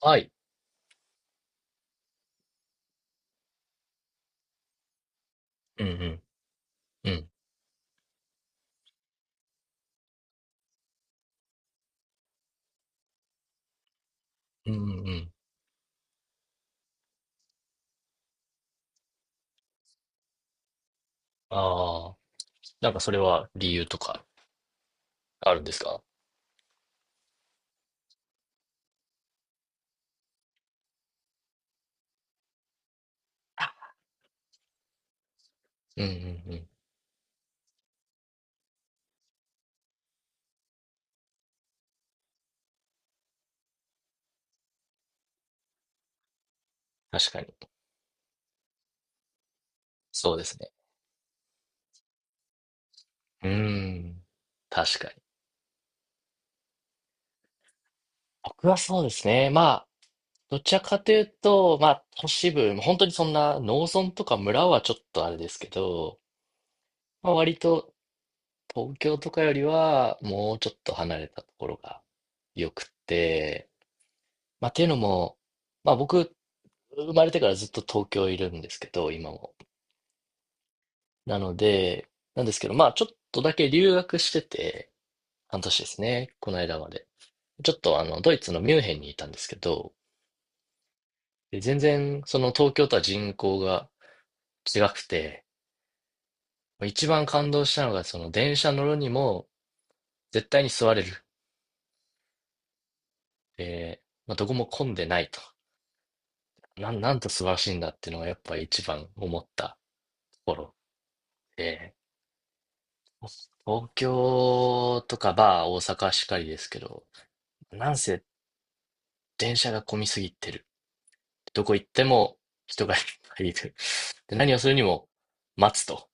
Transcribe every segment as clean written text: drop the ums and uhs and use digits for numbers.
はい。うんうん。うん。うんうんうん。ああ。なんかそれは理由とかあるんですか？うんうんうん。確かに。そうですね。うーん。確かに。僕はそうですね。まあ、どちらかというと、まあ、都市部、本当にそんな農村とか村はちょっとあれですけど、まあ、割と東京とかよりはもうちょっと離れたところが良くて、まあ、っていうのも、まあ僕、生まれてからずっと東京いるんですけど、今も。なので、なんですけど、まあ、ちょっとだけ留学してて、半年ですね、この間まで。ちょっとあの、ドイツのミュンヘンにいたんですけど、で全然、その東京とは人口が違くて、一番感動したのが、その電車乗るにも、絶対に座れる。で、まあ、どこも混んでないと。なんと素晴らしいんだっていうのが、やっぱ一番思ったところで、東京とか、大阪しかりですけど、なんせ電車が混みすぎてる。どこ行っても人がいっぱいいる。で、何をするにも待つと。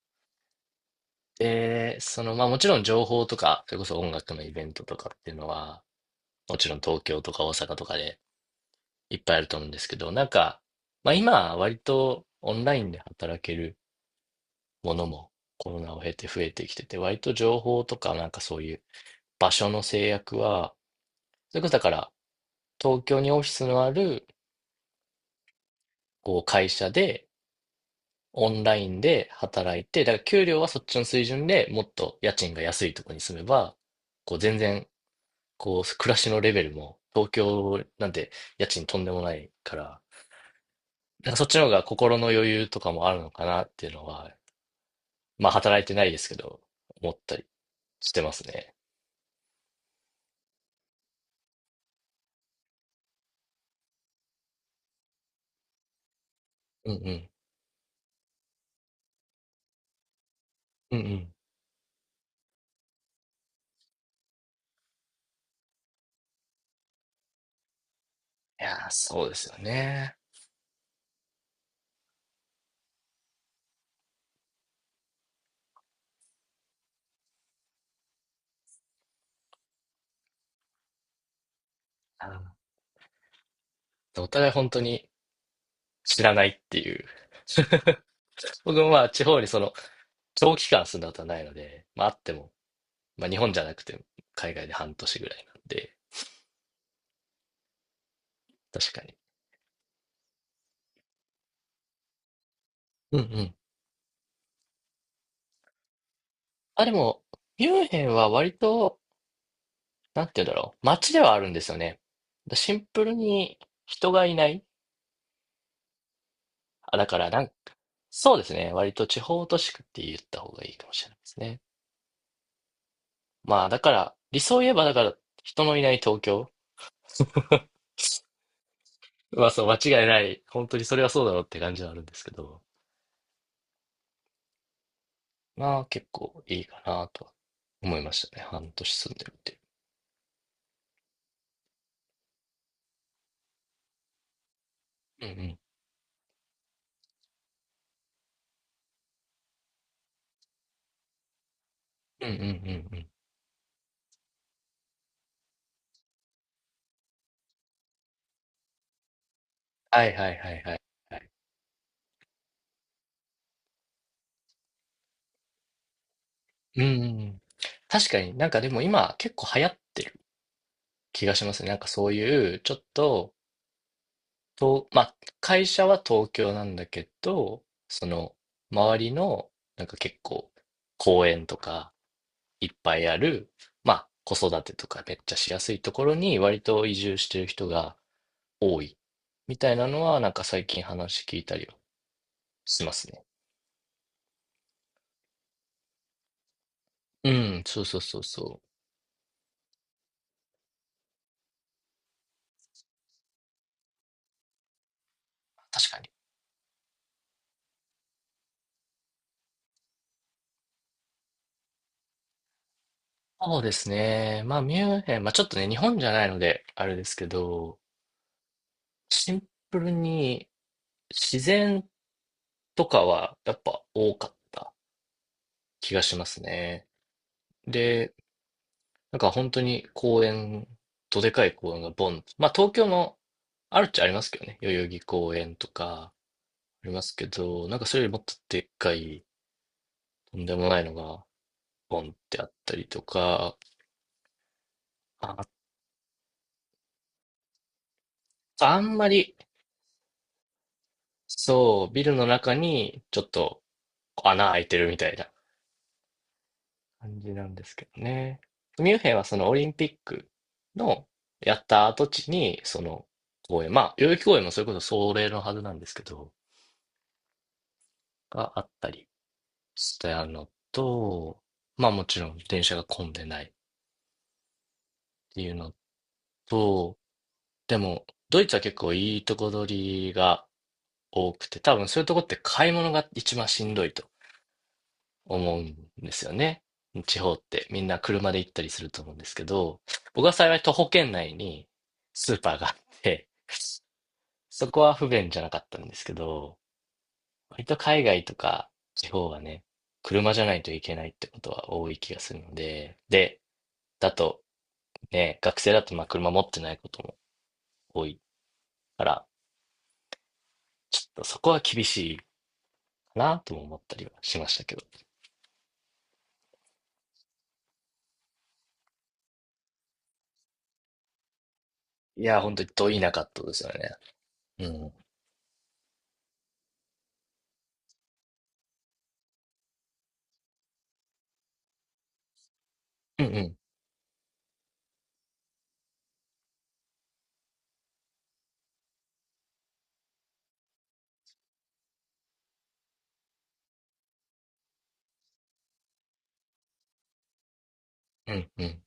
で、その、まあもちろん情報とか、それこそ音楽のイベントとかっていうのは、もちろん東京とか大阪とかでいっぱいあると思うんですけど、なんか、まあ今、割とオンラインで働けるものもコロナを経て増えてきてて、割と情報とかなんかそういう場所の制約は、それこそだから東京にオフィスのあるこう会社で、オンラインで働いて、だから給料はそっちの水準でもっと家賃が安いとこに住めば、こう全然、こう暮らしのレベルも東京なんて家賃とんでもないから、なんかそっちの方が心の余裕とかもあるのかなっていうのは、まあ働いてないですけど、思ったりしてますね。うんうん。うんうん。いやー、そうですよね。うん。お互い本当に知らないっていう。僕もまあ地方にその長期間住んだことはないので、まああっても、まあ日本じゃなくて海外で半年ぐらいなんで、確かに。うんうん。あ、でも、ミュンヘンは割と、なんて言うんだろう、街ではあるんですよね。シンプルに人がいない。あ、だからなんか、そうですね。割と地方都市区って言った方がいいかもしれないですね。まあだから、理想を言えばだから人のいない東京。まあそう、間違いない。本当にそれはそうだろうって感じはあるんですけど。まあ結構いいかなとは思いましたね。半年住んでるっていう。うんうん。うんうんうんうん。はいはいはいはいはい。うんうんうん。確かになんかでも今結構流行ってる気がしますね。なんかそういうちょっと、まあ、会社は東京なんだけど、その周りのなんか結構公園とかいっぱいある、まあ子育てとかめっちゃしやすいところに割と移住してる人が多いみたいなのはなんか最近話聞いたりはしますね。うん、そうそうそうそう。確かに。そうですね。まあ、ミュンヘン、まあちょっとね、日本じゃないので、あれですけど、シンプルに自然とかはやっぱ多かった気がしますね。で、なんか本当に公園、どでかい公園がボン。まあ東京もあるっちゃありますけどね。代々木公園とかありますけど、なんかそれよりもっとでっかい、とんでもないのがボンってあったりとか、あ、あんまり、そう、ビルの中にちょっと穴開いてるみたいな感じなんですけどね。ミュンヘンはそのオリンピックのやった跡地に、その公園、まあ、代々木公園もそれこそそれのはずなんですけど、があったりしてあるのと、まあもちろん電車が混んでないっていうのと、でも、ドイツは結構いいとこ取りが多くて、多分そういうとこって買い物が一番しんどいと思うんですよね。地方ってみんな車で行ったりすると思うんですけど、僕は幸い徒歩圏内にスーパーがあって、そこは不便じゃなかったんですけど、割と海外とか地方はね、車じゃないといけないってことは多い気がするので、で、だとね、学生だとまあ車持ってないことも多いから、ちょっとそこは厳しいかなとも思ったりはしましたけど。いや、本当に遠いなかったですよね。うん。うんうん。うんうん。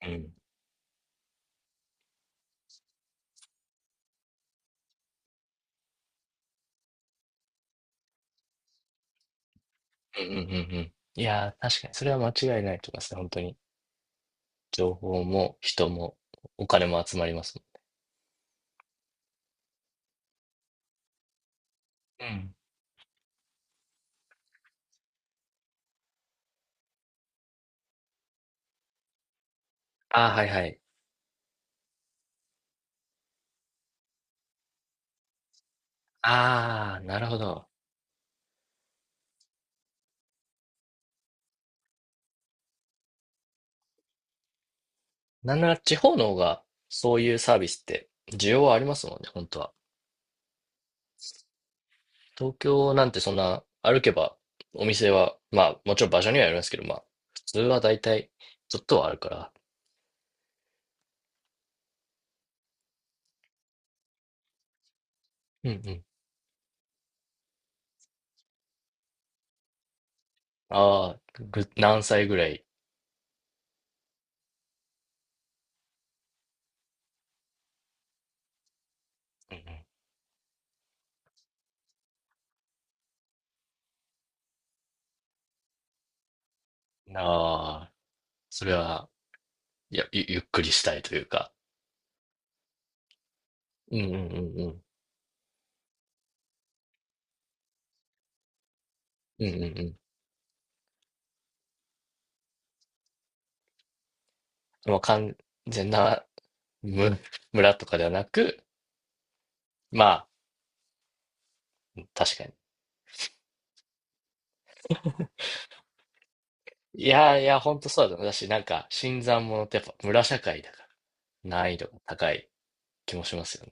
うん。うんうんうんうん。いやー、確かにそれは間違いないと思いますね、本当に。情報も人もお金も集まりますもん。うん。ああ、はいはい。ああ、なるほど。なんなら地方の方がそういうサービスって需要はありますもんね、本当は。東京なんてそんな歩けばお店は、まあ、もちろん場所にはよりますけど、まあ、普通はだいたいちょっとはあるから。うんうん。ああ、何歳ぐらい？うんうん。ああ、それは、いや、ゆっくりしたいというか。うんうんうんうん。うんうんうん。もう完全なむ村とかではなく、まあ、確かに。いやいや、ほんとそうだと思う。だし、なんか、新参者ってやっぱ村社会だから、難易度が高い気もしますよね。